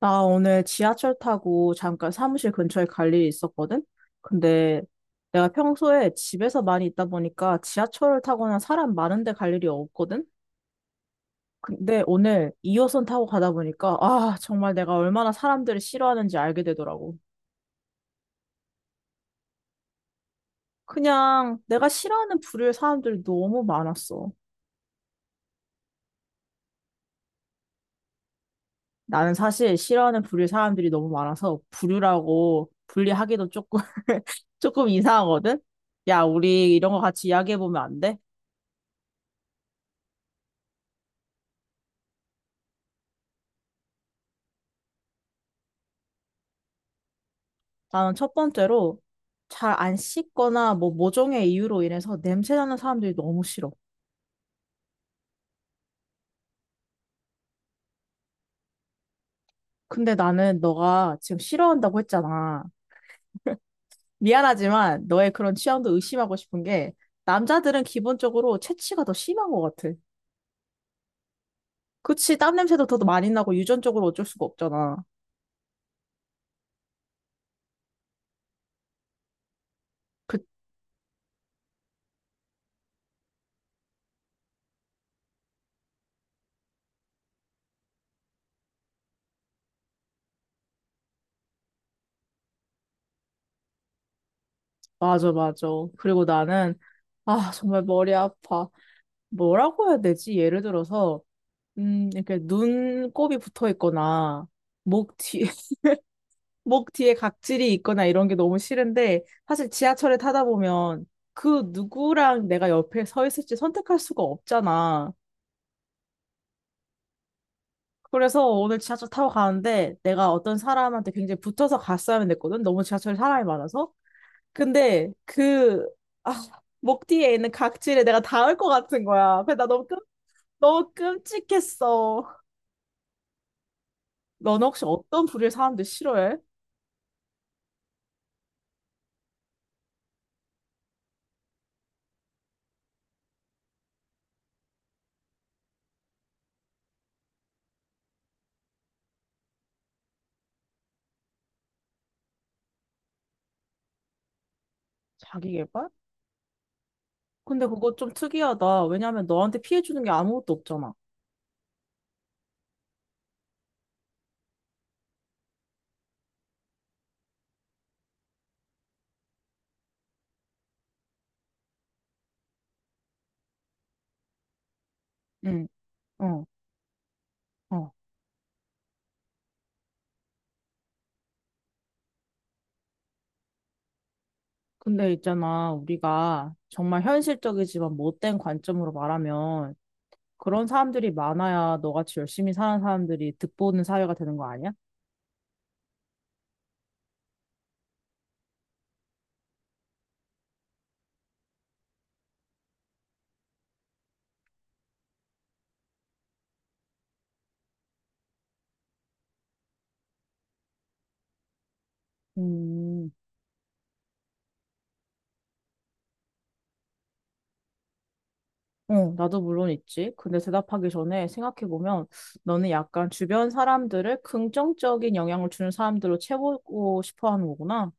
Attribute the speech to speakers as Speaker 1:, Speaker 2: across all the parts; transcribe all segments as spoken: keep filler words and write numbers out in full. Speaker 1: 나 오늘 지하철 타고 잠깐 사무실 근처에 갈 일이 있었거든? 근데 내가 평소에 집에서 많이 있다 보니까 지하철을 타거나 사람 많은 데 갈 일이 없거든? 근데 오늘 이 호선 타고 가다 보니까 아, 정말 내가 얼마나 사람들을 싫어하는지 알게 되더라고. 그냥 내가 싫어하는 부류의 사람들이 너무 많았어. 나는 사실 싫어하는 부류의 사람들이 너무 많아서 부류라고 분리하기도 조금, 조금 이상하거든? 야, 우리 이런 거 같이 이야기해보면 안 돼? 나는 첫 번째로 잘 안 씻거나 뭐 모종의 이유로 인해서 냄새 나는 사람들이 너무 싫어. 근데 나는 너가 지금 싫어한다고 했잖아. 미안하지만 너의 그런 취향도 의심하고 싶은 게 남자들은 기본적으로 체취가 더 심한 것 같아. 그치, 땀 냄새도 더 많이 나고 유전적으로 어쩔 수가 없잖아. 그, 맞아, 맞아. 그리고 나는, 아, 정말 머리 아파. 뭐라고 해야 되지? 예를 들어서, 음, 이렇게 눈곱이 붙어 있거나, 목 뒤, 목 뒤에 각질이 있거나 이런 게 너무 싫은데 사실 지하철에 타다 보면 그 누구랑 내가 옆에 서 있을지 선택할 수가 없잖아. 그래서 오늘 지하철 타고 가는데 내가 어떤 사람한테 굉장히 붙어서 갔어야만 됐거든. 너무 지하철에 사람이 많아서. 근데 그, 아, 목 뒤에 있는 각질에 내가 닿을 것 같은 거야. 그래서 나 너무 끔, 너무 끔찍했어. 너는 혹시 어떤 부류의 사람들 싫어해? 자기 개발? 근데 그거 좀 특이하다. 왜냐면 너한테 피해 주는 게 아무것도 없잖아. 응. 어, 어. 근데 있잖아, 우리가 정말 현실적이지만 못된 관점으로 말하면 그런 사람들이 많아야 너같이 열심히 사는 사람들이 득보는 사회가 되는 거 아니야? 음, 어, 나도 물론 있지. 근데 대답하기 전에 생각해보면 너는 약간 주변 사람들을 긍정적인 영향을 주는 사람들로 채우고 싶어 하는 거구나.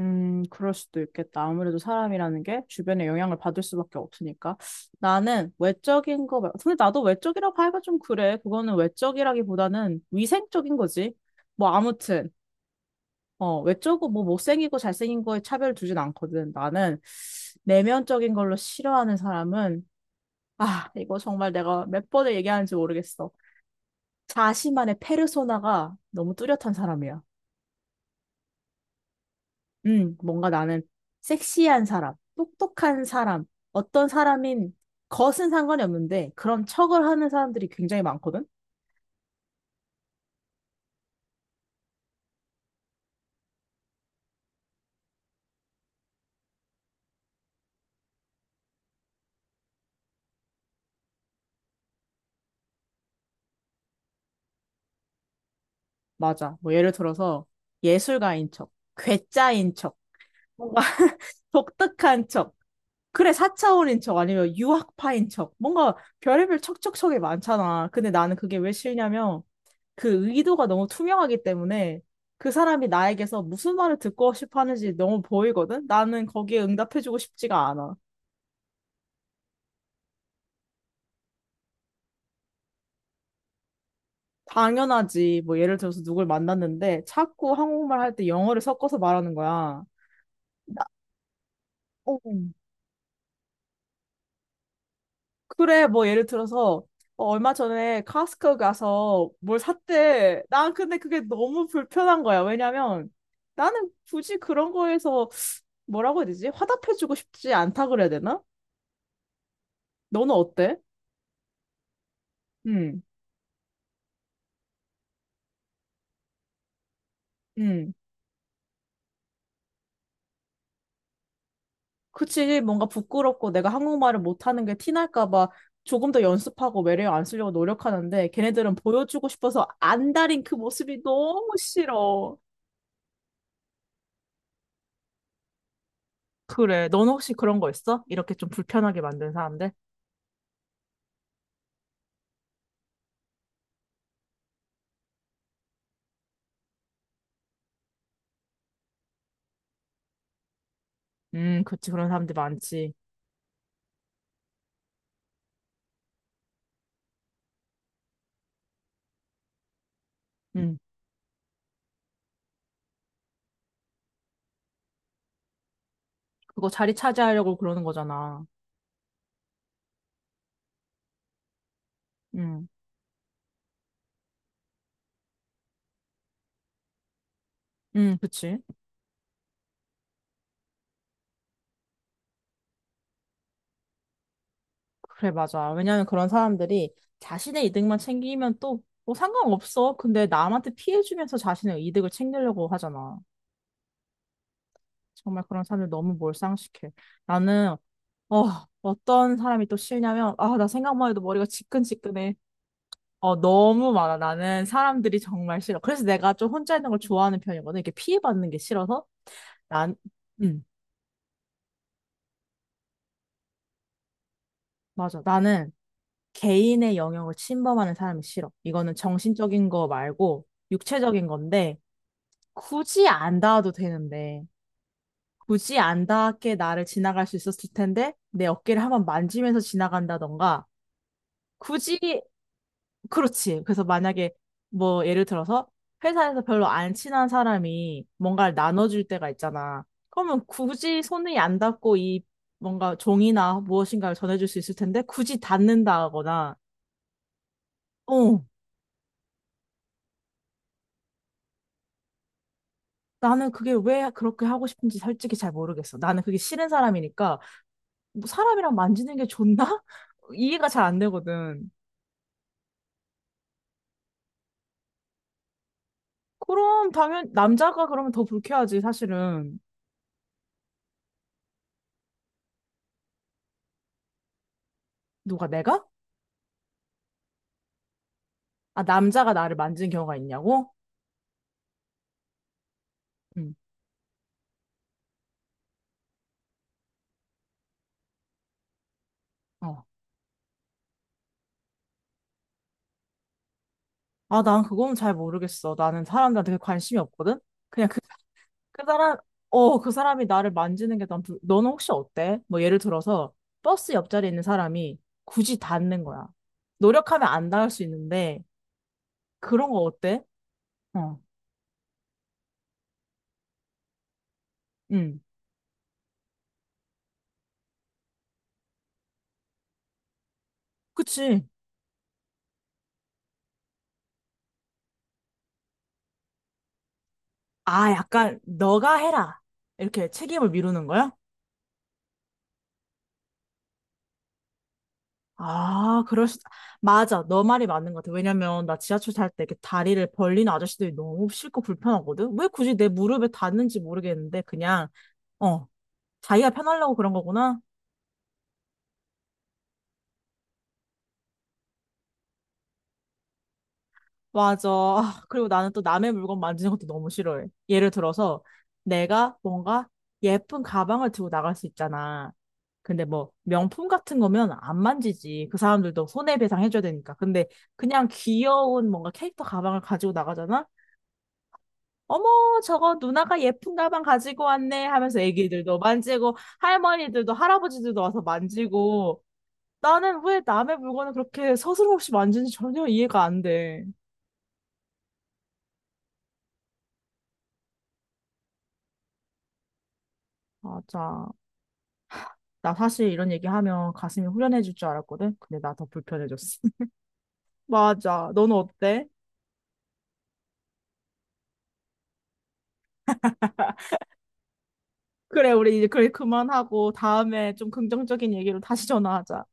Speaker 1: 음, 그럴 수도 있겠다. 아무래도 사람이라는 게 주변의 영향을 받을 수밖에 없으니까. 나는 외적인 거 말고, 근데 나도 외적이라고 하기가 좀 그래. 그거는 외적이라기보다는 위생적인 거지. 뭐, 아무튼, 어, 외적고 뭐 못생기고 잘생긴 거에 차별 두진 않거든. 나는 내면적인 걸로 싫어하는 사람은, 아, 이거 정말 내가 몇 번을 얘기하는지 모르겠어. 자신만의 페르소나가 너무 뚜렷한 사람이야. 음, 뭔가 나는 섹시한 사람, 똑똑한 사람, 어떤 사람인 것은 상관이 없는데 그런 척을 하는 사람들이 굉장히 많거든? 맞아. 뭐 예를 들어서 예술가인 척, 괴짜인 척, 뭔가 독특한 척, 그래, 사차원인 척, 아니면 유학파인 척, 뭔가 별의별 척척척이 많잖아. 근데 나는 그게 왜 싫냐면 그 의도가 너무 투명하기 때문에 그 사람이 나에게서 무슨 말을 듣고 싶어 하는지 너무 보이거든? 나는 거기에 응답해주고 싶지가 않아. 당연하지. 뭐 예를 들어서 누굴 만났는데 자꾸 한국말 할 때 영어를 섞어서 말하는 거야. 나- 어. 그래, 뭐 예를 들어서 어, 얼마 전에 카스코 가서 뭘 샀대. 난 근데 그게 너무 불편한 거야. 왜냐면 나는 굳이 그런 거에서 뭐라고 해야 되지? 화답해주고 싶지 않다 그래야 되나? 너는 어때? 응, 응. 그치, 뭔가 부끄럽고 내가 한국말을 못하는 게 티날까 봐 조금 더 연습하고 매력 안 쓰려고 노력하는데 걔네들은 보여주고 싶어서 안 다린 그 모습이 너무 싫어. 그래. 넌 혹시 그런 거 있어? 이렇게 좀 불편하게 만든 사람들? 음, 그치. 그런 사람들 많지. 음, 그거 자리 차지하려고 그러는 거잖아. 음, 음, 그치. 그래, 맞아. 왜냐면 그런 사람들이 자신의 이득만 챙기면 또 뭐 상관없어. 근데 남한테 피해주면서 자신의 이득을 챙기려고 하잖아. 정말 그런 사람들 너무 몰상식해. 나는 어, 어떤 사람이 또 싫냐면 아, 나 생각만 해도 머리가 지끈지끈해. 어, 너무 많아. 나는 사람들이 정말 싫어. 그래서 내가 좀 혼자 있는 걸 좋아하는 편이거든. 이렇게 피해받는 게 싫어서 난 음, 맞아. 나는 개인의 영역을 침범하는 사람이 싫어. 이거는 정신적인 거 말고 육체적인 건데 굳이 안 닿아도 되는데 굳이 안 닿게 나를 지나갈 수 있었을 텐데 내 어깨를 한번 만지면서 지나간다던가 굳이 그렇지. 그래서 만약에 뭐 예를 들어서 회사에서 별로 안 친한 사람이 뭔가를 나눠줄 때가 있잖아. 그러면 굳이 손이 안 닿고 이 뭔가 종이나 무엇인가를 전해줄 수 있을 텐데 굳이 닿는다거나, 어, 나는 그게 왜 그렇게 하고 싶은지 솔직히 잘 모르겠어. 나는 그게 싫은 사람이니까 뭐 사람이랑 만지는 게 좋나? 이해가 잘 안 되거든. 그럼 당연 남자가 그러면 더 불쾌하지 사실은. 누가 내가? 아 남자가 나를 만진 경우가 있냐고? 응. 어. 아, 난 그건 잘 모르겠어. 나는 사람들한테 그게 관심이 없거든? 그냥 그, 그 사람, 어, 그 사람이 나를 만지는 게 난, 불... 너는 혹시 어때? 뭐 예를 들어서 버스 옆자리에 있는 사람이 굳이 닿는 거야. 노력하면 안 닿을 수 있는데, 그런 거 어때? 어, 응. 그치. 아, 약간, 너가 해라. 이렇게 책임을 미루는 거야? 아, 그럴 수, 맞아. 너 말이 맞는 것 같아. 왜냐면, 나 지하철 탈 때 이렇게 다리를 벌리는 아저씨들이 너무 싫고 불편하거든? 왜 굳이 내 무릎에 닿는지 모르겠는데, 그냥, 어, 자기가 편하려고 그런 거구나? 맞아. 아, 그리고 나는 또 남의 물건 만지는 것도 너무 싫어해. 예를 들어서, 내가 뭔가 예쁜 가방을 들고 나갈 수 있잖아. 근데 뭐, 명품 같은 거면 안 만지지. 그 사람들도 손해배상 해줘야 되니까. 근데 그냥 귀여운 뭔가 캐릭터 가방을 가지고 나가잖아? 어머, 저거 누나가 예쁜 가방 가지고 왔네 하면서 애기들도 만지고, 할머니들도, 할아버지들도 와서 만지고, 나는 왜 남의 물건을 그렇게 서슴없이 만지는지 전혀 이해가 안 돼. 맞아. 나 사실 이런 얘기하면 가슴이 후련해질 줄 알았거든? 근데 나 더 불편해졌어. 맞아. 너는 어때? 그래, 우리 이제 그래, 그만하고, 다음에 좀 긍정적인 얘기로 다시 전화하자.